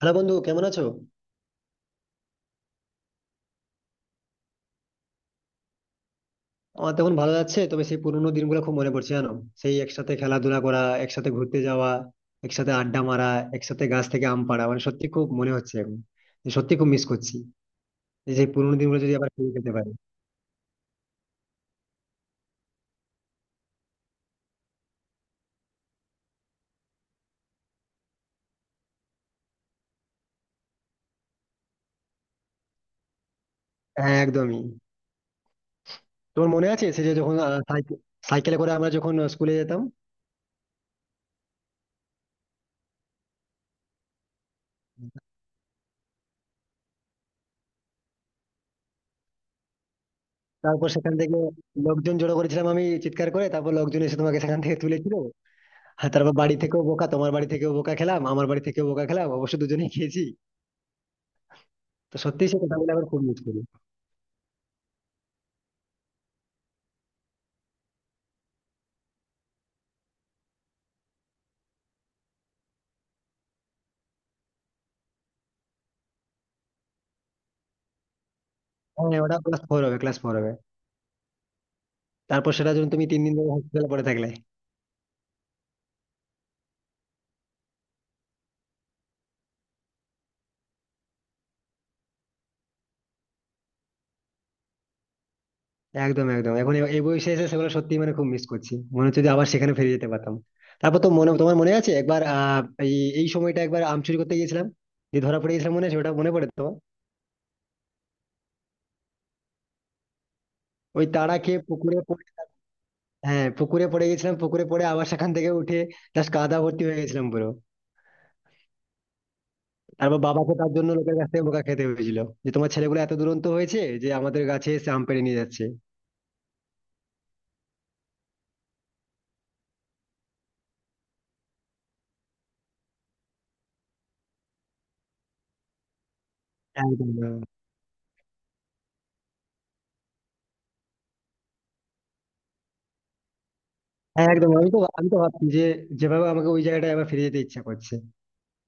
Hello বন্ধু, কেমন আছো? আমার তখন ভালো যাচ্ছে, তবে সেই পুরোনো দিনগুলো খুব মনে পড়ছে জানো। সেই একসাথে খেলাধুলা করা, একসাথে ঘুরতে যাওয়া, একসাথে আড্ডা মারা, একসাথে গাছ থেকে আম পাড়া, মানে সত্যি খুব মনে হচ্ছে এখন, যে সত্যি খুব মিস করছি। যে সেই পুরোনো দিনগুলো যদি আবার ফিরে পেতে পারি। হ্যাঁ, একদমই। তোমার মনে আছে সে যে যখন সাইকেলে করে আমরা যখন স্কুলে যেতাম। তারপর সেখান থেকে লোকজন জড়ো করেছিলাম, আমি চিৎকার করে, তারপর লোকজন এসে তোমাকে সেখান থেকে তুলেছিল। আর তারপর বাড়ি থেকেও বোকা তোমার বাড়ি থেকেও বোকা খেলাম, আমার বাড়ি থেকেও বোকা খেলাম, অবশ্য দুজনেই খেয়েছি। তো সত্যি সেই কথাগুলো এখন খুব মিস করি। হ্যাঁ, ওটা ক্লাস ফোর হবে, ক্লাস ফোর হবে। তারপর সেটা যখন তুমি 3 দিন ধরে হসপিটালে পড়ে থাকলে। একদম একদম, এখন এই বয়সে এসে সেগুলো সত্যি মানে খুব মিস করছি, মনে হচ্ছে যে আবার সেখানে ফিরে যেতে পারতাম। তারপর তো তোমার মনে আছে একবার এই এই সময়টা একবার আম চুরি করতে গিয়েছিলাম। যে ধরা পড়ে গেছিলাম, মনে আছে, ওটা মনে পড়ে তো। ওই তাড়া খেয়ে পুকুরে পড়ে, হ্যাঁ, পুকুরে পড়ে গেছিলাম, পুকুরে পড়ে আবার সেখান থেকে উঠে জাস্ট কাদা ভর্তি হয়ে গেছিলাম পুরো। তারপর বাবাকে তার জন্য লোকের কাছ থেকে বোকা খেতে হয়েছিল যে তোমার ছেলেগুলো এত দুরন্ত হয়েছে যে আমাদের গাছে এসে আম পেড়ে নিয়ে যাচ্ছে। একদম। হ্যাঁ একদম, আমি তো ভাবছি যে যেভাবে আমাকে ওই জায়গাটায় আবার ফিরে যেতে ইচ্ছা করছে,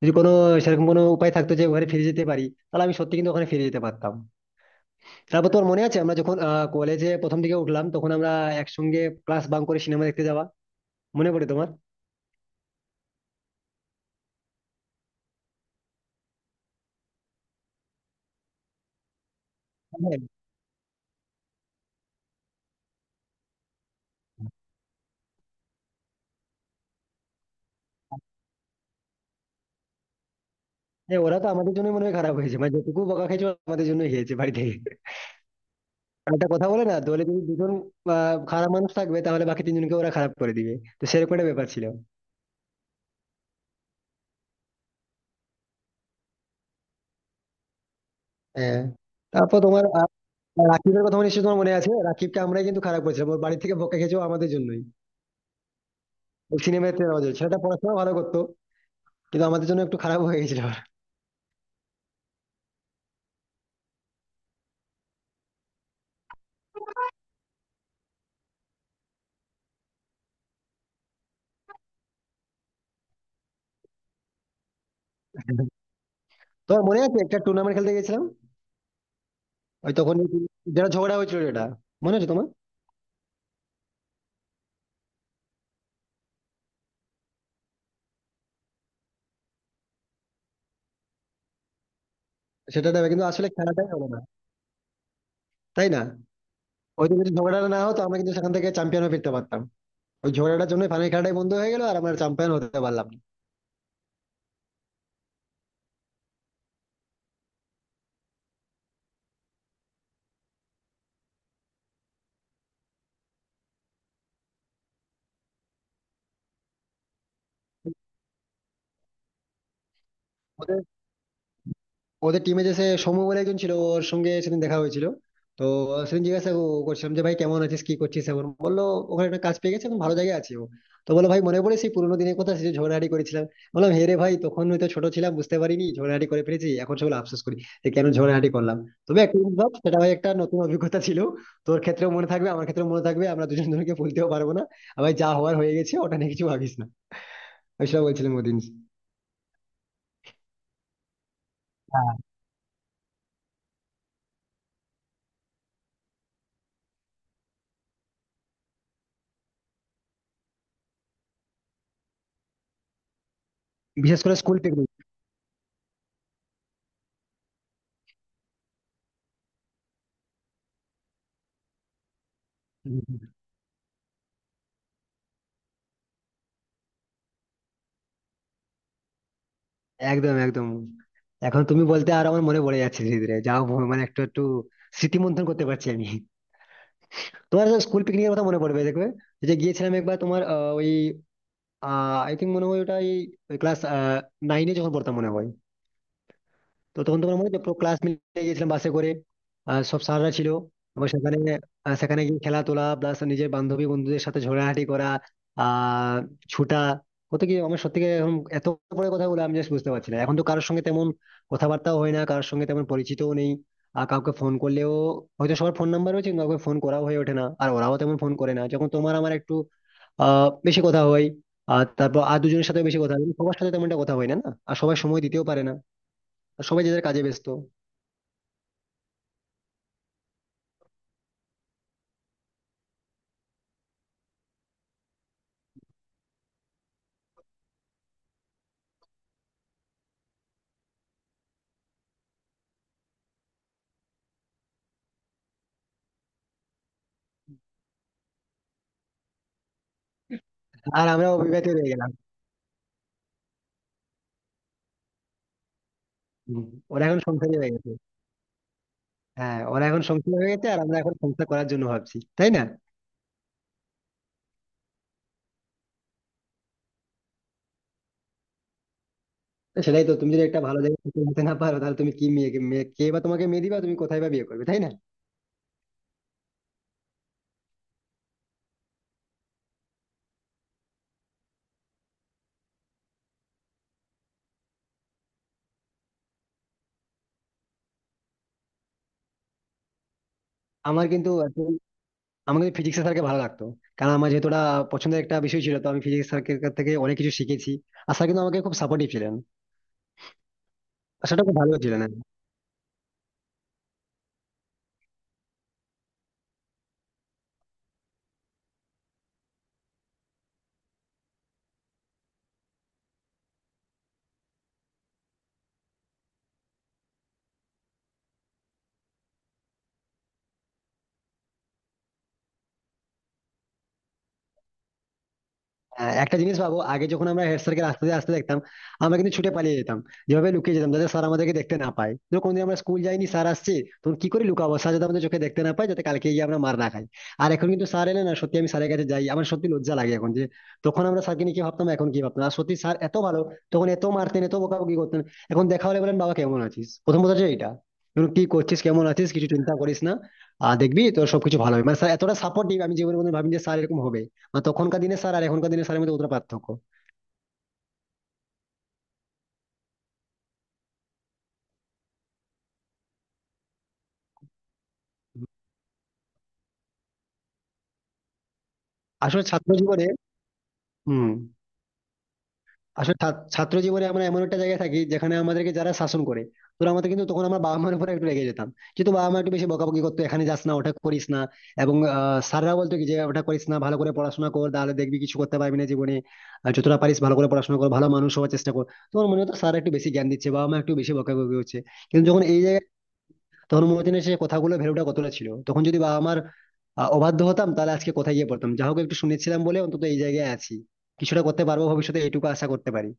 যদি কোনো সেরকম কোনো উপায় থাকতো যে ওখানে ফিরে যেতে পারি, তাহলে আমি সত্যি কিন্তু ওখানে ফিরে যেতে পারতাম। তারপর তোর মনে আছে আমরা যখন কলেজে প্রথম দিকে উঠলাম তখন আমরা একসঙ্গে ক্লাস বাং করে সিনেমা দেখতে যাওয়া, মনে পড়ে তোমার? হ্যাঁ, হ্যাঁ, ওরা তো আমাদের জন্য মনে হয় খারাপ হয়েছে, মানে যেটুকু বকা খেয়েছে ওরা আমাদের জন্য হয়েছে বাড়ি থেকে। একটা কথা বলে না, দলে যদি দুজন খারাপ মানুষ থাকবে তাহলে বাকি তিনজনকে ওরা খারাপ করে দিবে। তো সেরকম একটা ব্যাপার ছিল। হ্যাঁ। তারপর তোমার আর রাকিবের কথা নিশ্চয়ই তোমার মনে আছে। রাকিবকে আমরাই কিন্তু খারাপ করেছিলাম, ওর বাড়ি থেকে বকা খেয়েছে ও আমাদের জন্যই। ওই সিনেমাতে রাজা ছেলেটা পড়াশোনা ভালো করতো, কিন্তু আমাদের জন্য একটু খারাপ হয়ে গেছিল ওর। তোমার মনে আছে একটা টুর্নামেন্ট খেলতে গেছিলাম, ওই তখন যেটা ঝগড়া হয়েছিল, যেটা মনে আছে তোমার? সেটা দেবে কিন্তু আসলে খেলাটাই হলো না, তাই না। ওই দিন যদি ঝগড়াটা না হতো, আমরা কিন্তু সেখান থেকে চ্যাম্পিয়ন হয়ে ফিরতে পারতাম। ওই ঝগড়াটার জন্য ফাইনাল খেলাটাই বন্ধ হয়ে গেল আর আমরা চ্যাম্পিয়ন হতে পারলাম না। ওদের ওদের টিমে যে সে সৌম্য বলে একজন ছিল, ওর সঙ্গে সেদিন দেখা হয়েছিল। তো সেদিন জিজ্ঞাসা করছিলাম যে ভাই কেমন আছিস, কি করছিস এখন, বললো ওখানে একটা কাজ পেয়ে গেছে, এখন ভালো জায়গায় আছি ও। তো বললো, ভাই মনে পড়ে সেই পুরোনো দিনের কথা, সেই যে ঝগড়াঝাটি করেছিলাম। বললাম, হে রে ভাই, তখন হয়তো ছোট ছিলাম বুঝতে পারিনি, ঝগড়াঝাটি করে ফেলেছি, এখন সেগুলো আফসোস করি যে কেন ঝগড়াঝাটি করলাম। তবে একটা জিনিস ভাব, সেটা ভাই একটা নতুন অভিজ্ঞতা ছিল। তোর ক্ষেত্রেও মনে থাকবে, আমার ক্ষেত্রেও মনে থাকবে, আমরা দুজন দুজনকে ভুলতেও পারবো না। আর ভাই যা হওয়ার হয়ে গেছে, ওটা নিয়ে কিছু ভাবিস না। আমি সেটা বলছিলাম ওদিন। হ্যাঁ, বিশেষ করে স্কুল পিকনিক। একদম একদম। এখন তুমি বলতে আর আমার মনে পড়ে যাচ্ছে ধীরে ধীরে, যাও মানে একটু একটু স্মৃতি মন্থন করতে পারছি আমি। তোমার স্কুল পিকনিকের কথা মনে পড়বে দেখবে। ওই যে গিয়েছিলাম একবার তোমার ওই আই থিঙ্ক, মনে হয় ওটা এই ক্লাস নাইনে যখন পড়তাম, মনে হয়। তো তখন তোমার মনে আছে, পুরো ক্লাস মিলে গেছিলাম বাসে করে, আর সব স্যাররা ছিল। এবং সেখানে গিয়ে খেলা তোলা প্লাস নিজের বান্ধবী বন্ধুদের সাথে ঝগড়াঝাটি করা, আহ ছুটা, কত কি। আমার সত্যি করে এখন এত বড় কথা বলে আমি জাস্ট বুঝতে পারছি না, এখন তো কারোর সঙ্গে তেমন কথাবার্তাও হয় না, কারোর সঙ্গে তেমন পরিচিতও নেই। আর কাউকে ফোন করলেও হয়তো সবার ফোন নাম্বার রয়েছে, কিন্তু কাউকে ফোন করাও হয়ে ওঠে না, আর ওরাও তেমন ফোন করে না, যখন তোমার আমার একটু বেশি কথা হয়। আর তারপর আর দুজনের সাথে বেশি কথা হয়, কিন্তু সবার সাথে তেমন একটা কথা হয় না, না আর সবাই সময় দিতেও পারে না। আর সবাই যে যার কাজে ব্যস্ত। আর আমরা অবিবাহিত হয়ে গেলাম। হুম। ওরা এখন সংসারী হয়ে গেছে। হ্যাঁ, ওরা এখন সংসার হয়ে গেছে, আর আমরা এখন সংসার করার জন্য ভাবছি, তাই না? তো সেটাই তো, তুমি যদি একটা ভালো জায়গায় চাকরি নিতে না পারো তাহলে তুমি কি মেয়ে কে বা তোমাকে মেয়ে দিবা, তুমি কোথায় বা বিয়ে করবে, তাই না? আমার কিন্তু এখন- আমার কিন্তু ফিজিক্স স্যারকে ভালো লাগতো, কারণ আমার যেহেতু ওটা পছন্দের একটা বিষয় ছিল, তো আমি ফিজিক্স স্যারকে থেকে অনেক কিছু শিখেছি। আর স্যার কিন্তু আমাকে খুব সাপোর্টিভ ছিলেন। আর সেটা খুব ভালো ছিলেন। হ্যাঁ, একটা জিনিস ভাবো, আগে যখন আমরা হেড স্যারকে রাস্তা দিয়ে আসতে দেখতাম আমরা কিন্তু ছুটে পালিয়ে যেতাম। যেভাবে লুকিয়ে যেতাম যাতে স্যার আমাদেরকে দেখতে না পায়, ধরো কোনদিন আমরা স্কুল যাইনি স্যার আসছে, তখন কি করে লুকাবো স্যার যাতে আমাদের চোখে দেখতে না পায়, যাতে কালকে গিয়ে আমরা মার না খাই। আর এখন কিন্তু স্যার এলে না, সত্যি আমি স্যারের কাছে যাই, আমার সত্যি লজ্জা লাগে এখন, যে তখন আমরা স্যারকে নিয়ে কি ভাবতাম, এখন কি ভাবতাম, আর সত্যি স্যার এত ভালো। তখন এত মারতেন, এত বকাবকি করতেন। এখন দেখা হলে বলেন বাবা কেমন আছিস, প্রথম কথা হচ্ছে এইটা। এখন কি করছিস, কেমন আছিস, কিছু চিন্তা করিস না, আর দেখবি তোর সবকিছু ভালো হবে, মানে স্যার এতটা সাপোর্টিভ আমি জীবনে কোনোদিন ভাবিনি যে স্যার এরকম হবে। না, তখনকার দিনে স্যার আর এখনকার দিনে স্যারের মধ্যে কতটা পার্থক্য। আসলে ছাত্র জীবনে। হুম। আসলে ছাত্র ছাত্র জীবনে আমরা এমন একটা জায়গায় থাকি যেখানে আমাদেরকে যারা শাসন করে, তোরা আমাদের, কিন্তু তখন আমার বাবা মার উপরে একটু রেগে যেতাম। কিন্তু বাবা মা একটু বেশি বকাবকি করতো, এখানে যাস না, ওটা করিস না। এবং স্যাররা বলতো কি যে ওটা করিস না ভালো করে পড়াশোনা কর, তাহলে দেখবি কিছু করতে পারবি না জীবনে। আর যতটা পারিস ভালো করে পড়াশোনা কর, ভালো মানুষ হওয়ার চেষ্টা কর। তোমার মনে হতো স্যার একটু বেশি জ্ঞান দিচ্ছে, বাবা মা একটু বেশি বকাবকি হচ্ছে। কিন্তু যখন এই জায়গায়, তখন মনে সেই কথাগুলো ভ্যালুটা কতটা ছিল, তখন যদি বাবা আমার অবাধ্য হতাম তাহলে আজকে কোথায় গিয়ে পড়তাম, যা হোক একটু শুনেছিলাম বলে অন্তত এই জায়গায় আছি। কিছুটা করতে পারবো ভবিষ্যতে, এইটুকু আশা করতে পারি।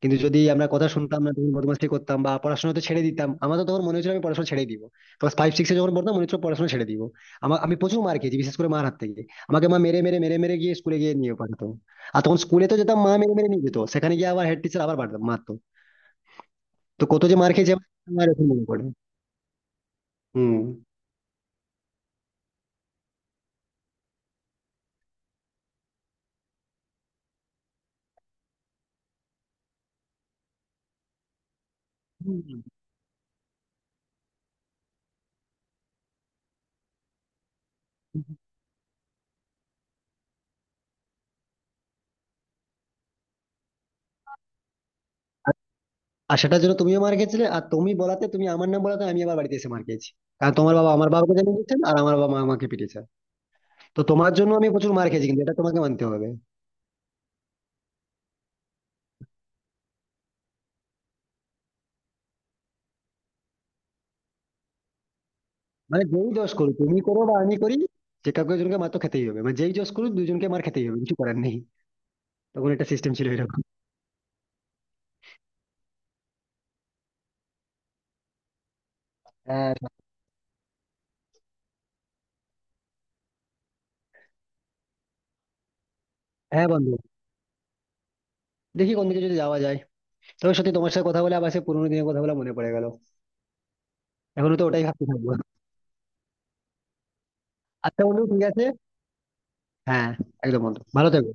কিন্তু যদি আমরা কথা শুনতাম না, তখন বদমাশি করতাম বা পড়াশোনা তো ছেড়ে দিতাম, আমার তো তখন মনে হচ্ছিল আমি পড়াশোনা ছেড়ে দিব। ক্লাস ফাইভ সিক্সে যখন পড়তাম, মনে হচ্ছিল পড়াশোনা ছেড়ে দিব। আমি প্রচুর মার খেয়েছি, বিশেষ করে মার হাত থেকে। আমাকে মা মেরে মেরে মেরে মেরে গিয়ে স্কুলে গিয়ে নিয়ে পাঠাতো। আর তখন স্কুলে তো যেতাম, মা মেরে মেরে নিয়ে যেত, সেখানে গিয়ে আবার হেড টিচার আবার মারতো। তো কত যে মার খেয়েছি আমার এখন মনে পড়ে। হম। আর সেটার জন্য তুমিও মার খেয়েছিলে, আর তুমি আমার নাম বলাতে আমি আবার বাড়িতে এসে মার খেয়েছি। কারণ তোমার বাবা আমার বাবাকে জানিয়ে দিচ্ছেন, আর আমার বাবা মা আমাকে পিটিয়েছে। তো তোমার জন্য আমি প্রচুর মার খেয়েছি কিন্তু এটা তোমাকে মানতে হবে। মানে যেই দোষ করি, তুমি করো বা আমি করি, যে কাউকে একজনকে মার তো খেতেই হবে, মানে যেই দোষ করি দুজনকে মার খেতেই হবে, কিছু করার নেই। তখন একটা সিস্টেম ছিল এরকম। হ্যাঁ। হ্যাঁ বন্ধু, দেখি কোন দিকে যদি যাওয়া যায়। তবে সত্যি তোমার সাথে কথা বলে আবার সে পুরোনো দিনের কথা বলে মনে পড়ে গেল। এখনো তো ওটাই ভাবতে থাকবো। আচ্ছা বন্ধু ঠিক আছে। হ্যাঁ। একদম বন্ধু, ভালো থেকো।